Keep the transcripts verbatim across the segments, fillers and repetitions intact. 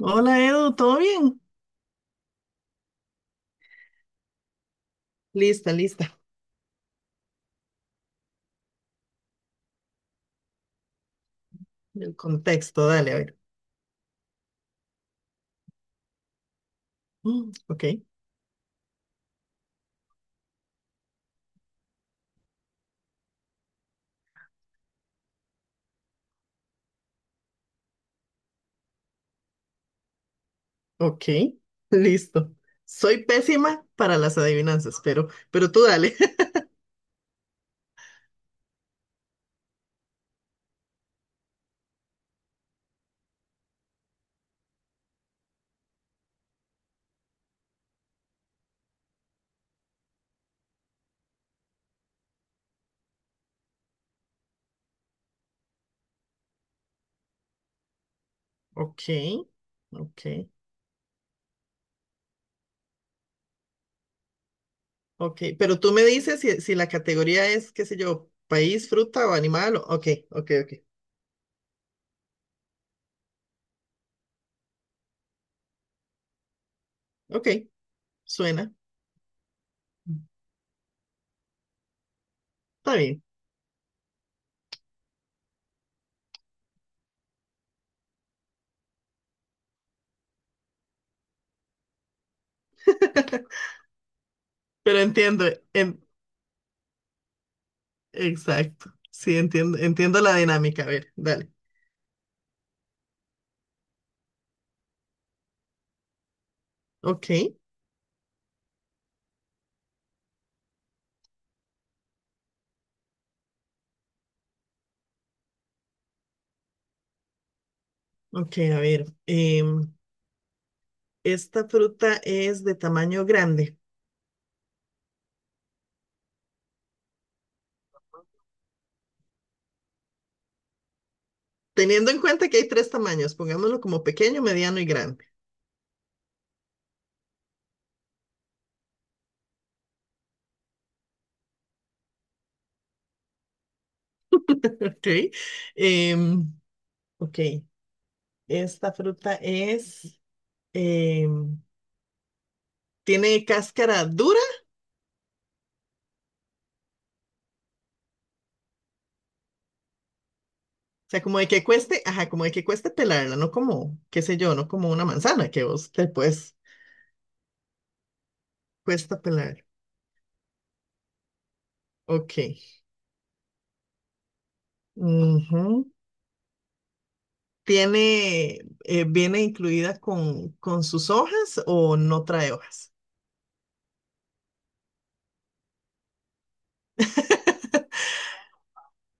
Hola Edu, ¿todo bien? Lista, lista. El contexto, dale, a ver. Mm, ok, ok, listo. Soy pésima para las adivinanzas, pero, pero tú dale. Ok, ok, ok. Pero tú me dices si, si la categoría es, qué sé yo, país, fruta o animal. o- Ok, ok, ok. Ok, suena. Está bien. Pero entiendo, en- exacto. Sí, entiendo, entiendo la dinámica. A ver, dale. Ok, ok, a ver. em, Esta fruta es de tamaño grande. Teniendo en cuenta que hay tres tamaños, pongámoslo como pequeño, mediano y grande. Ok. Em, ok. Esta fruta es, em, tiene cáscara dura, o sea, como de que cueste, ajá, como de que cueste pelarla, no como, qué sé yo, no como una manzana que vos te puedes, cuesta pelar. Ok. Ujú. Tiene, eh, viene incluida con, con sus hojas o no trae hojas.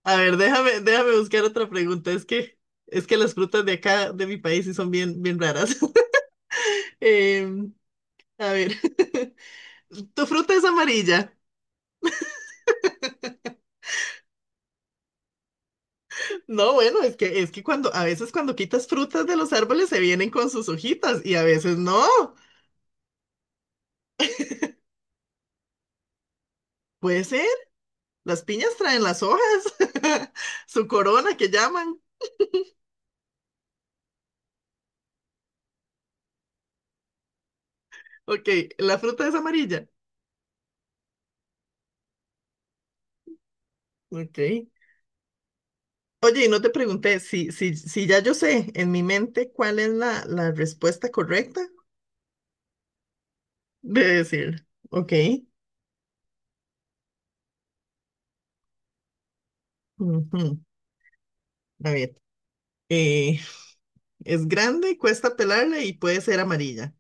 A ver, déjame, déjame buscar otra pregunta. Es que, es que las frutas de acá, de mi país, sí son bien, bien raras. Em, a ver, ¿tu fruta es amarilla? No, bueno, es que, es que cuando, a veces cuando quitas frutas de los árboles se vienen con sus hojitas y a veces no. Puede ser, las piñas traen las hojas, su corona que llaman. Ok, la fruta es amarilla. Ok. Oye, y no te pregunté si, si, si ya yo sé en mi mente cuál es la, la respuesta correcta. De decir, ok. Ujú. A ver. eh, es grande, cuesta pelarla y puede ser amarilla.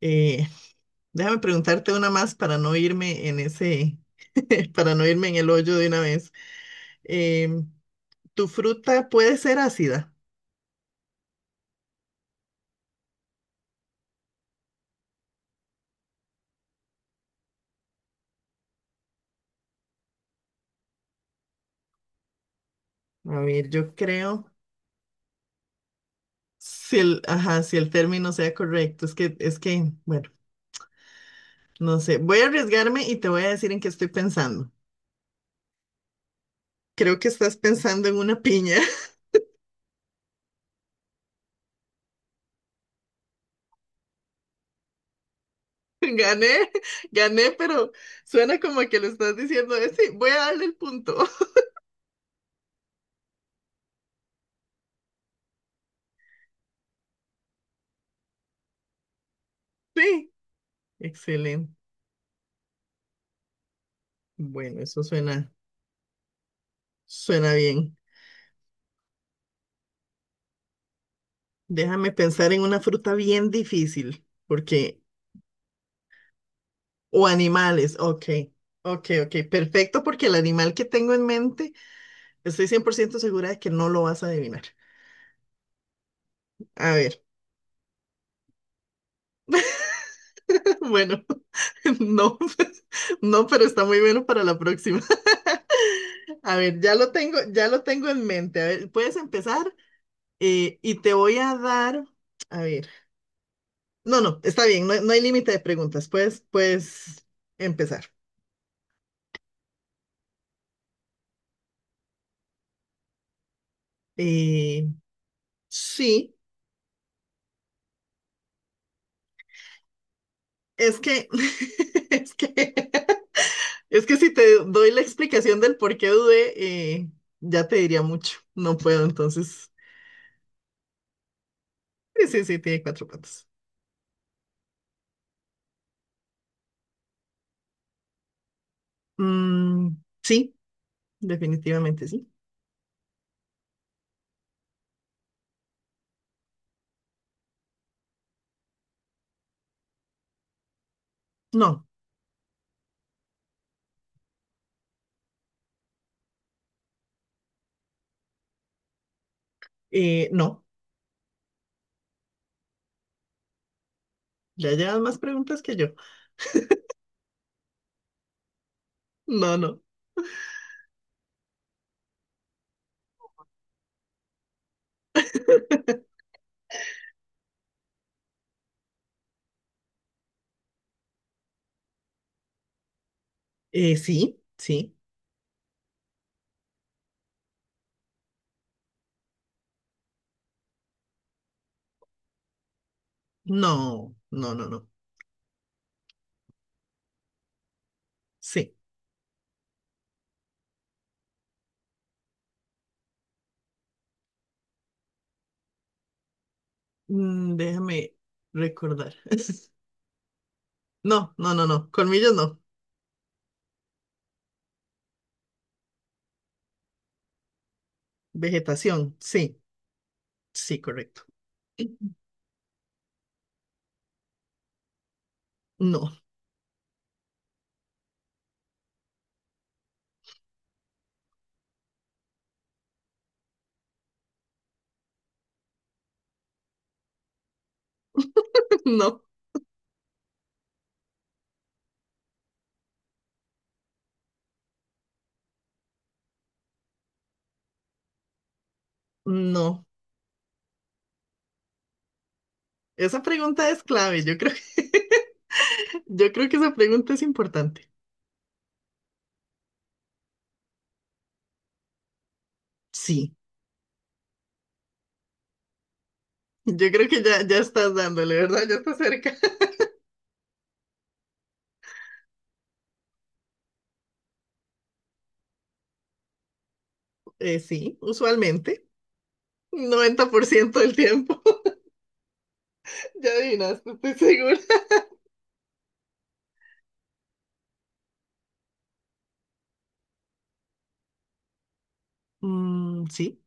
Eh, déjame preguntarte una más para no irme en ese, para no irme en el hoyo de una vez. Em, ¿tu fruta puede ser ácida? A ver, yo creo si el, ajá, si el término sea correcto. Es que, es que, bueno, no sé. Voy a arriesgarme y te voy a decir en qué estoy pensando. Creo que estás pensando en una piña. Gané, gané, pero suena como que le estás diciendo, "Eh, sí, voy a darle el punto." Sí, excelente. Bueno, eso suena, suena bien. Déjame pensar en una fruta bien difícil, porque, o animales, ok, ok, ok, perfecto, porque el animal que tengo en mente, estoy cien por ciento segura de que no lo vas a adivinar. A ver, Bueno, no, no, pero está muy bueno para la próxima. A ver, ya lo tengo, ya lo tengo en mente. A ver, puedes empezar eh, y te voy a dar, a ver, no, no, está bien, no, no hay límite de preguntas. Puedes, puedes empezar. Eh, sí, es que, es que, es que si te doy la explicación del por qué dudé, eh, ya te diría mucho. No puedo, entonces. Sí, sí, sí, tiene cuatro patas. Mm, sí, definitivamente sí. No, eh, no. Ya llevas más preguntas que yo. No, no. Eh, sí, sí. No, no, no, no. Sí. Mm, déjame recordar. No, no, no, no. Colmillos no. Vegetación. Sí, sí, correcto. No, no, no. Esa pregunta es clave. Yo creo que, yo creo que esa pregunta es importante. Sí. Yo creo que ya, ya estás dándole, ¿verdad? Ya estás cerca. Eh, sí, usualmente. Noventa por ciento del tiempo. Ya adivinaste, estoy segura. Mm, sí.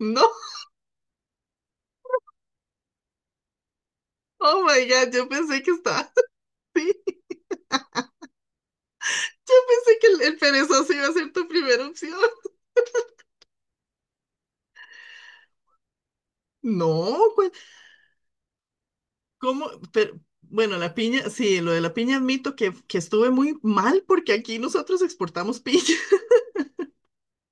No, oh my god, yo pensé que estaba así. Yo pensé que el, el perezoso iba a ser tu primera opción. No, güey, ¿cómo? Pero, bueno, la piña, sí, lo de la piña admito que, que estuve muy mal porque aquí nosotros exportamos piña.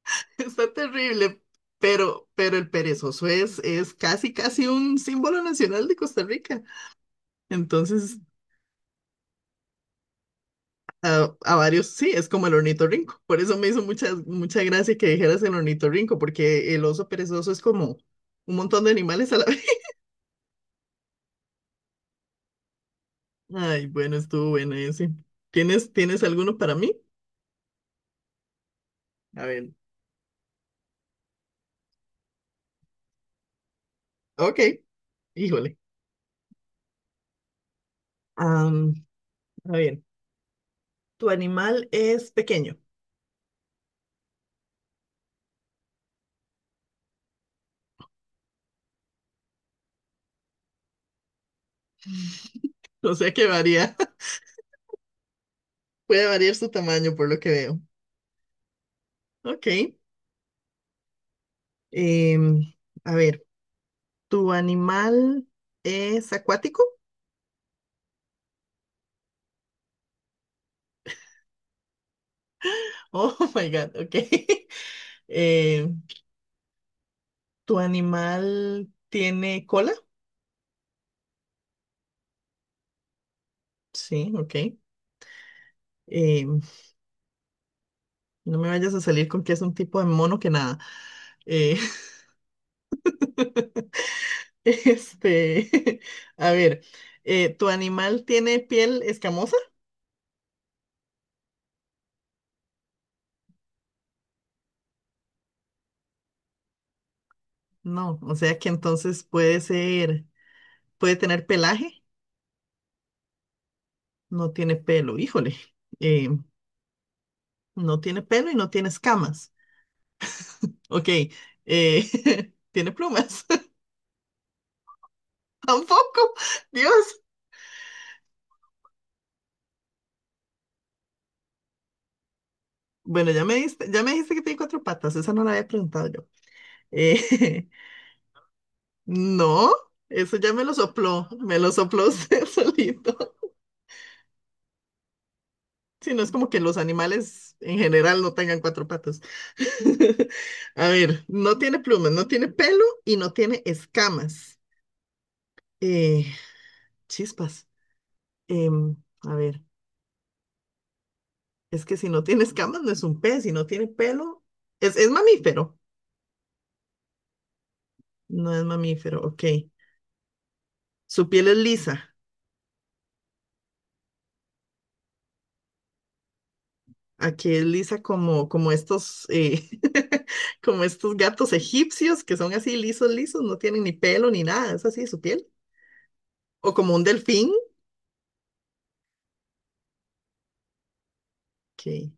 Está terrible, pero, pero el perezoso es, es casi, casi un símbolo nacional de Costa Rica. Entonces, A, a varios sí, es como el ornitorrinco. Por eso me hizo mucha, mucha gracia que dijeras el ornitorrinco, porque el oso perezoso es como un montón de animales a la vez. Ay, bueno, estuvo bueno ese. ¿Tienes, tienes alguno para mí? A ver, ok, híjole. Am, a ver, tu animal es pequeño, o sea que varía, puede variar su tamaño por lo que veo. Ok, em, a ver, ¿tu animal es acuático? Oh my God, ok. Em, ¿Tu animal tiene cola? Sí, ok. Eh, no me vayas a salir con que es un tipo de mono que nada. Eh, este, a ver, eh, ¿tu animal tiene piel escamosa? No, o sea que entonces puede ser, puede tener pelaje, no tiene pelo, híjole, eh, no tiene pelo y no tiene escamas. Ok, eh, tiene plumas, tampoco, Dios. Bueno, ya me diste, ya me dijiste que tiene cuatro patas, esa no la había preguntado yo. Eh, no, eso ya me lo sopló, me lo sopló usted solito. Si no es como que los animales en general no tengan cuatro patas. A ver, no tiene plumas, no tiene pelo y no tiene escamas. Eh, chispas. Em, a ver, es que si no tiene escamas no es un pez, si no tiene pelo, es, es mamífero. No es mamífero, ok. Su piel es lisa. Aquí es lisa como, como estos, eh, como estos gatos egipcios que son así lisos, lisos, no tienen ni pelo ni nada, es así su piel. O como un delfín, que,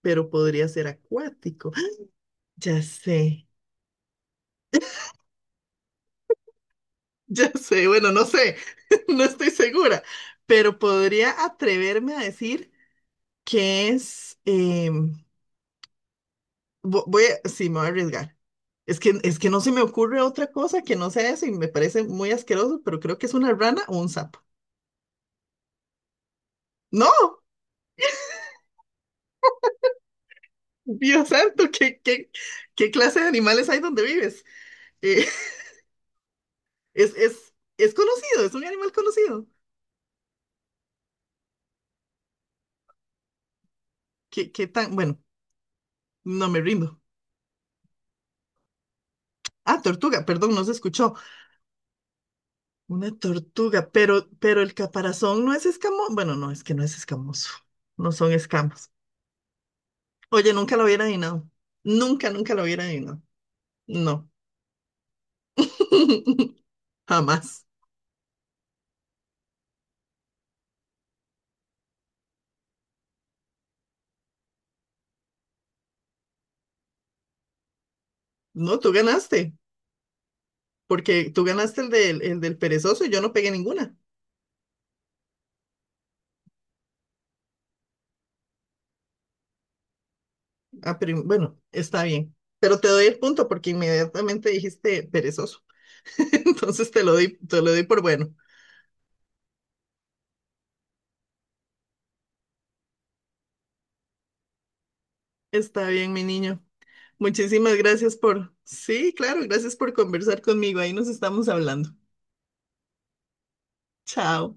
pero podría ser acuático. Ya sé, ya sé, bueno, no sé, no estoy segura, pero podría atreverme a decir que es, em, vo- voy a, sí, me voy a arriesgar. Es que, es que no se me ocurre otra cosa que no sea eso y me parece muy asqueroso, pero creo que es una rana o un sapo. No. Dios santo, ¿qué, qué, qué clase de animales hay donde vives? Eh, es, es, es conocido, es un animal conocido. ¿Qué, qué tan? Bueno, no me rindo. Ah, tortuga, perdón, no se escuchó. Una tortuga, pero, pero el caparazón no es escamoso. Bueno, no, es que no es escamoso. No son escamas. Oye, nunca lo hubiera adivinado. Nunca, nunca lo hubiera adivinado. No. Jamás. No, tú ganaste, porque tú ganaste el del, el del perezoso y yo no pegué ninguna. Ah, pero bueno, está bien. Pero te doy el punto porque inmediatamente dijiste perezoso. Entonces te lo doy, te lo doy por bueno. Está bien, mi niño. Muchísimas gracias por... Sí, claro, gracias por conversar conmigo. Ahí nos estamos hablando. Chao.